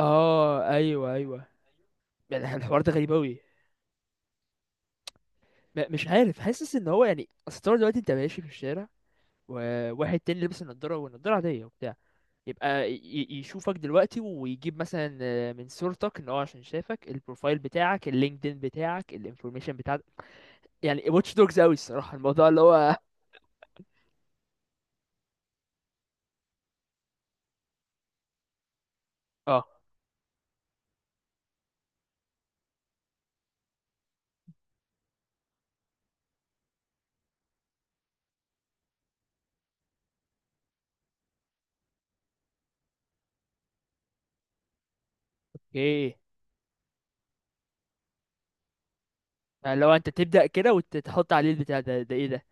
اه، ايوه، ايوه. يعني الحوار ده غريب اوي. مش عارف، حاسس ان هو، يعني، اصل طول دلوقتي انت ماشي في الشارع وواحد تاني لابس النضاره، والنضاره عاديه وبتاع، يبقى يشوفك دلوقتي ويجيب مثلا، من صورتك، ان هو عشان شافك، البروفايل بتاعك، اللينكدين بتاعك، الانفورميشن بتاعتك. يعني واتش دوجز اوي الصراحه الموضوع اللي هو. اه. اوكي. يعني لو انت تبدا كده وتحط عليه البتاع ده، ده ايه ده؟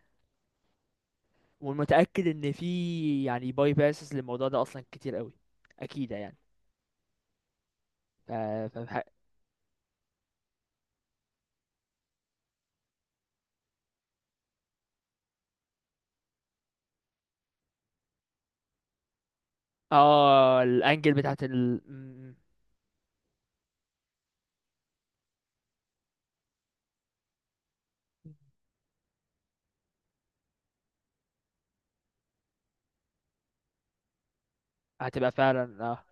ومتاكد ان في، يعني، باي باسز للموضوع ده اصلا كتير اوي. اكيد يعني. ف... اه الانجل بتاعت م. هتبقى فعلا، اه،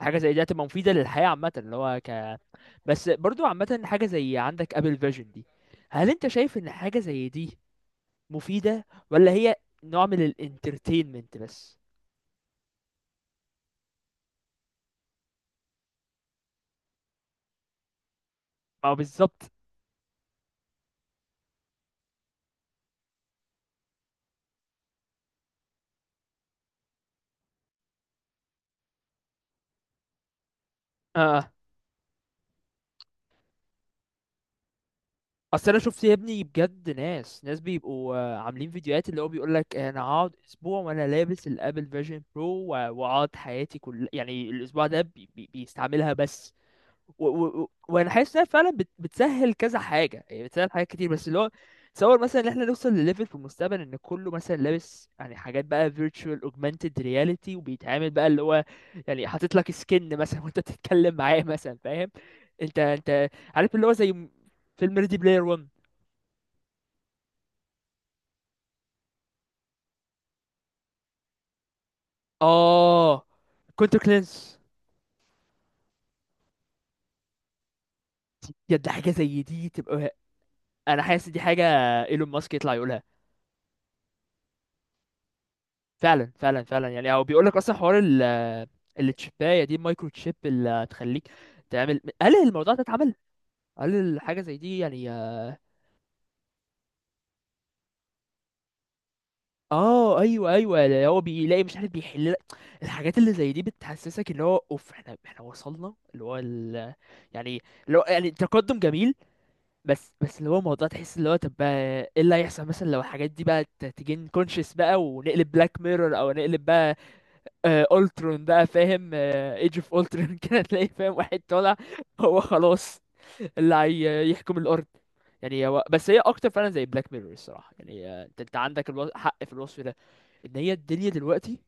حاجه زي دي هتبقى مفيده للحياه عامه اللي هو ك. بس برضو عامه، حاجه زي عندك ابل فيجن دي، هل انت شايف ان حاجه زي دي مفيده ولا هي نوع من الانترتينمنت بس؟ ما هو بالظبط. اه، اصل انا شفت يا ابني بجد ناس بيبقوا، عاملين فيديوهات اللي هو بيقول لك انا هقعد اسبوع وانا لابس الابل فيجن برو، واقعد حياتي كل، يعني، الاسبوع ده بيستعملها بس. وانا حاسس انها فعلا بتسهل كذا حاجه، يعني بتسهل حاجات كتير، بس اللي هو تصور مثلا ان احنا نوصل لليفل في المستقبل ان كله مثلا لابس، يعني، حاجات بقى virtual augmented reality وبيتعامل بقى اللي هو، يعني، حاطط لك سكن مثلا وانت بتتكلم معاه مثلا، فاهم؟ انت، عارف اللي هو زي فيلم ريدي بلاير 1. اه. كونتر كلينس. يا ده حاجه زي دي تبقى، انا حاسس دي حاجه ايلون ماسك يطلع يقولها. فعلا فعلا فعلا. يعني هو بيقول لك اصلا حوار التشيبايه دي، المايكرو تشيب اللي تخليك تعمل، هل الموضوع ده اتعمل؟ هل الحاجه زي دي، يعني؟ اه ايوه ايوه، اللي هو بيلاقي مش عارف بيحل لك الحاجات اللي زي دي، بتحسسك اللي هو اوف، احنا وصلنا اللي هو يعني. اللي هو، يعني، تقدم جميل، بس اللي هو موضوع تحس اللي هو طب بقى ايه اللي هيحصل مثلا لو الحاجات دي بقى تجين كونشس بقى، ونقلب بلاك ميرور، او نقلب بقى الترون بقى، فاهم؟ ايج اوف الترون كده تلاقي، فاهم، واحد طالع، هو خلاص اللي يحكم الارض. يعني هو بس هي اكتر فعلا زي بلاك ميرور الصراحه يعني. انت، عندك حق في الوصف ده. ان هي الدنيا دلوقتي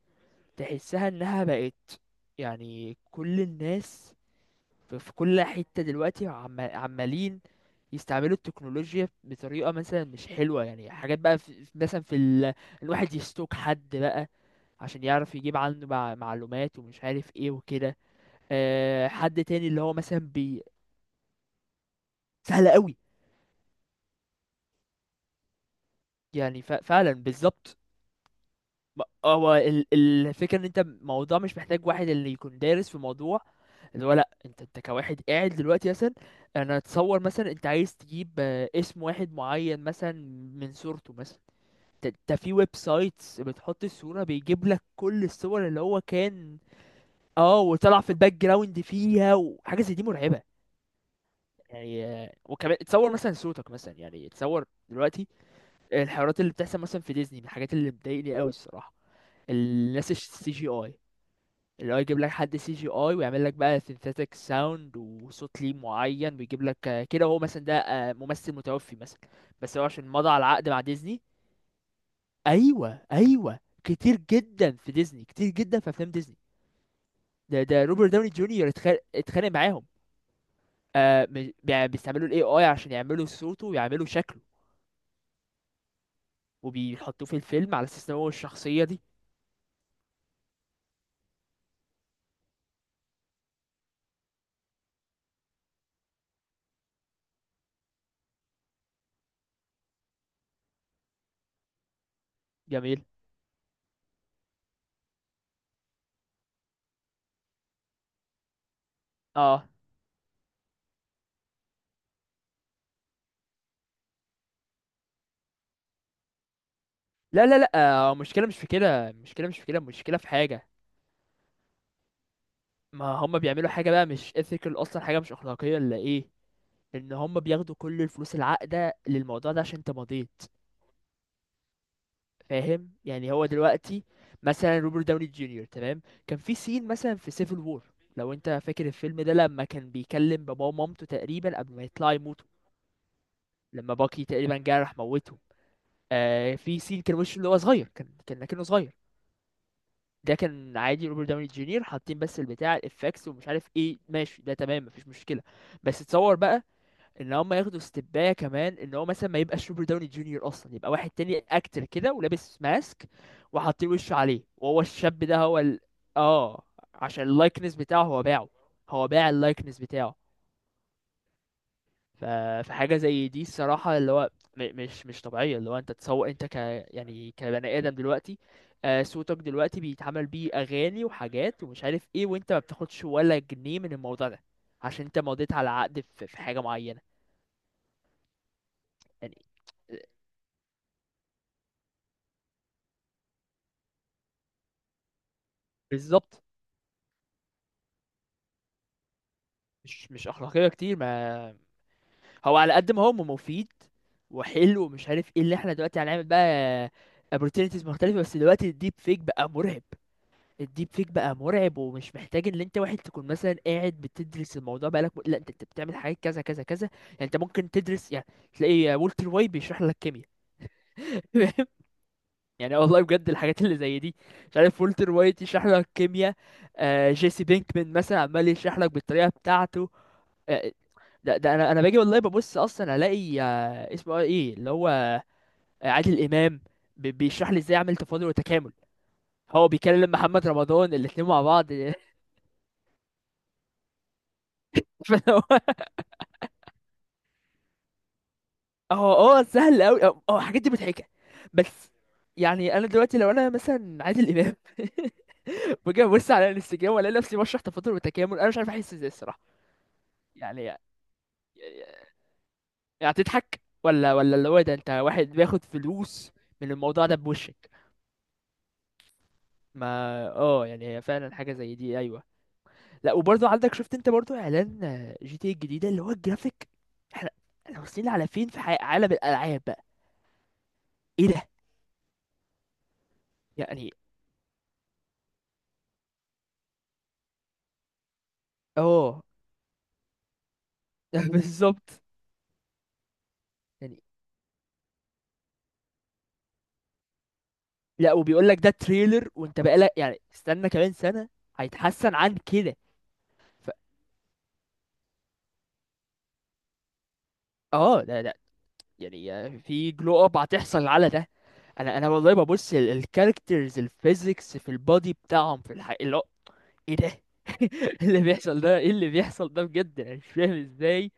تحسها انها بقت، يعني، كل الناس في كل حته دلوقتي عمالين يستعملوا التكنولوجيا بطريقه مثلا مش حلوه، يعني حاجات بقى مثلا في الواحد يستوك حد بقى عشان يعرف يجيب عنه معلومات ومش عارف ايه وكده. حد تاني اللي هو مثلا بي. سهله قوي. يعني فعلا بالظبط. هو الفكرة ان انت الموضوع مش محتاج واحد اللي يكون دارس في الموضوع اللي هو، لا، انت كواحد قاعد دلوقتي مثلا. انا اتصور مثلا انت عايز تجيب، اسم واحد معين مثلا، من صورته مثلا. انت في ويب سايتس بتحط الصورة، بيجيب لك كل الصور اللي هو كان، اه، وطلع في الباك جراوند فيها، وحاجة زي دي مرعبة. يعني وكمان تصور مثلا صوتك مثلا، يعني تصور دلوقتي الحوارات اللي بتحصل مثلا في ديزني، من الحاجات اللي بتضايقني قوي الصراحة الناس السي جي اي. اللي هو يجيب لك حد سي جي اي، ويعمل لك بقى سينثيتك ساوند وصوت ليه معين، ويجيب لك كده، هو مثلا ده ممثل متوفي مثلا، بس هو عشان مضى على العقد مع ديزني. ايوه ايوه، كتير جدا في ديزني، كتير جدا في افلام ديزني. ده روبرت داوني جونيور اتخانق معاهم. بيستعملوا الاي اي عشان يعملوا صوته ويعملوا شكله، وبيحطوه في الفيلم على اساس ان هو الشخصيه دي. جميل. اه، لا لا لا. آه المشكله مش في كده، المشكله مش في كده، المشكله في حاجه. ما هم بيعملوا حاجة بقى مش ethical أصلا، حاجة مش أخلاقية ولا إيه. إن هم بياخدوا كل الفلوس العاقدة للموضوع ده عشان أنت مضيت، فاهم؟ يعني هو دلوقتي مثلا روبرت داوني جونيور تمام، كان في سين مثلا في سيفل وور، لو أنت فاكر الفيلم ده، لما كان بيكلم باباه ومامته تقريبا قبل ما يطلعوا يموتوا. لما باكي تقريبا جه راح موته. آه، في سين كان وشه اللي هو صغير، كان لكنه صغير. ده كان عادي روبرت داوني جونيور، حاطين بس البتاع الافكس ومش عارف ايه ماشي، ده تمام، مفيش مشكلة. بس تصور بقى ان هم ياخدوا استباية كمان، ان هو مثلا ما يبقاش روبرت داوني جونيور اصلا، يبقى واحد تاني اكتر كده، ولابس ماسك وحاطين وشه عليه، وهو الشاب ده هو اه. عشان اللايكنس بتاعه هو باعه، هو باع اللايكنس بتاعه. ف... فحاجة زي دي الصراحة اللي هو، م... مش مش طبيعية. اللي هو انت تسوق انت ك، يعني كبني ادم دلوقتي، آه صوتك دلوقتي بيتعمل بيه اغاني وحاجات ومش عارف ايه، وانت ما بتاخدش ولا جنيه من الموضوع ده عشان انت مضيت على عقد في حاجة معينة، يعني. بالظبط. مش اخلاقيه كتير. ما هو على قد ما هو مفيد وحلو ومش عارف ايه، اللي احنا دلوقتي هنعمل بقى opportunities مختلفه، بس دلوقتي الديب فيك بقى مرعب. الديب فيك بقى مرعب، ومش محتاج ان انت واحد تكون مثلا قاعد بتدرس الموضوع بقالك لا، انت بتعمل حاجات كذا كذا كذا، يعني انت ممكن تدرس، يعني تلاقي والتر وايت بيشرح لك كيمياء فاهم؟ يعني والله بجد الحاجات اللي زي دي، مش عارف، والتر وايت يشرح لك كيمياء. آه جيسي بينكمان مثلا عمال يشرح لك بالطريقه بتاعته. آه، ده انا باجي والله ببص اصلا الاقي اسمه ايه اللي هو عادل امام بيشرح لي ازاي اعمل تفاضل وتكامل. هو بيكلم محمد رمضان الاتنين مع بعض فهو هو سهل قوي، هو الحاجات دي مضحكه بس. يعني انا دلوقتي لو انا مثلا عادل امام باجي ابص على الانستجرام والاقي نفسي بشرح تفاضل وتكامل، انا مش عارف احس ازاي الصراحه. يعني يعني، هتضحك ولا اللي هو ده، انت واحد بياخد فلوس من الموضوع ده بوشك؟ ما اه، يعني هي فعلا حاجه زي دي، ايوه. لا، وبرضه عندك، شفت انت برضه اعلان جي تي إيه الجديده اللي هو الجرافيك؟ احنا، واصلين على فين في عالم الالعاب بقى؟ ايه ده، يعني. اه بالظبط يعني. لا وبيقول لك ده تريلر، وانت بقى لك يعني استنى كمان سنه، هيتحسن عن كده. ف... اه، لا لا. يعني في جلو اب هتحصل على ده. انا والله ببص الكاركترز، الفيزيكس في البادي بتاعهم في الحقيقة اللي هو ايه ده اللي بيحصل ده، ايه اللي بيحصل ده بجد، انا مش فاهم ازاي.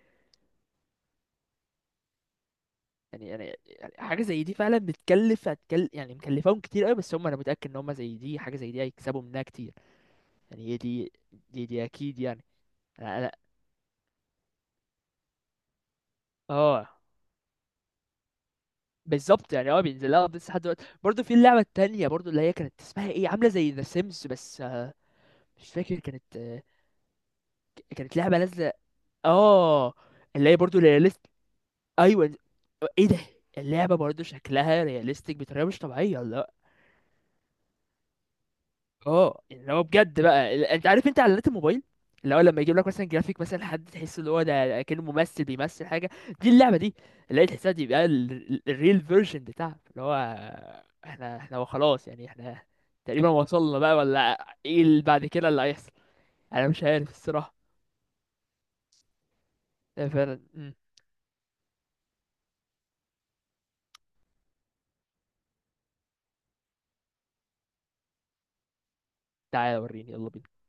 يعني حاجه زي دي فعلا بتكلف، هتكل، يعني مكلفاهم كتير قوي بس هم، انا متاكد ان هم زي دي حاجه زي دي هيكسبوا منها كتير، يعني هي دي دي اكيد يعني. انا اه بالظبط. يعني اه بينزل لها، بس لحد دلوقتي برضه، في اللعبه التانية برضه، اللي هي كانت اسمها ايه، عامله زي ذا سيمز بس. آه، مش فاكر كانت. آه، كانت لعبه نازله. اه اللي هي برضه رياليست، ايوه. ايه ده. اللعبه برضه شكلها رياليستيك بطريقه مش طبيعيه، لا. اه، اللي هو بجد بقى انت عارف انت، اعلانات الموبايل اللي هو لما يجيب لك مثلا جرافيك مثلا حد تحس ان هو ده كأنه ممثل بيمثل حاجه، دي اللعبه دي اللي هي تحسها دي بقى الريل فيرجن بتاعها اللي هو. احنا خلاص يعني، احنا تقريبا وصلنا بقى، ولا ايه اللي بعد كده اللي هيحصل؟ انا مش عارف الصراحه. لا، فعلا. مم. تعالى وريني يلا بينا.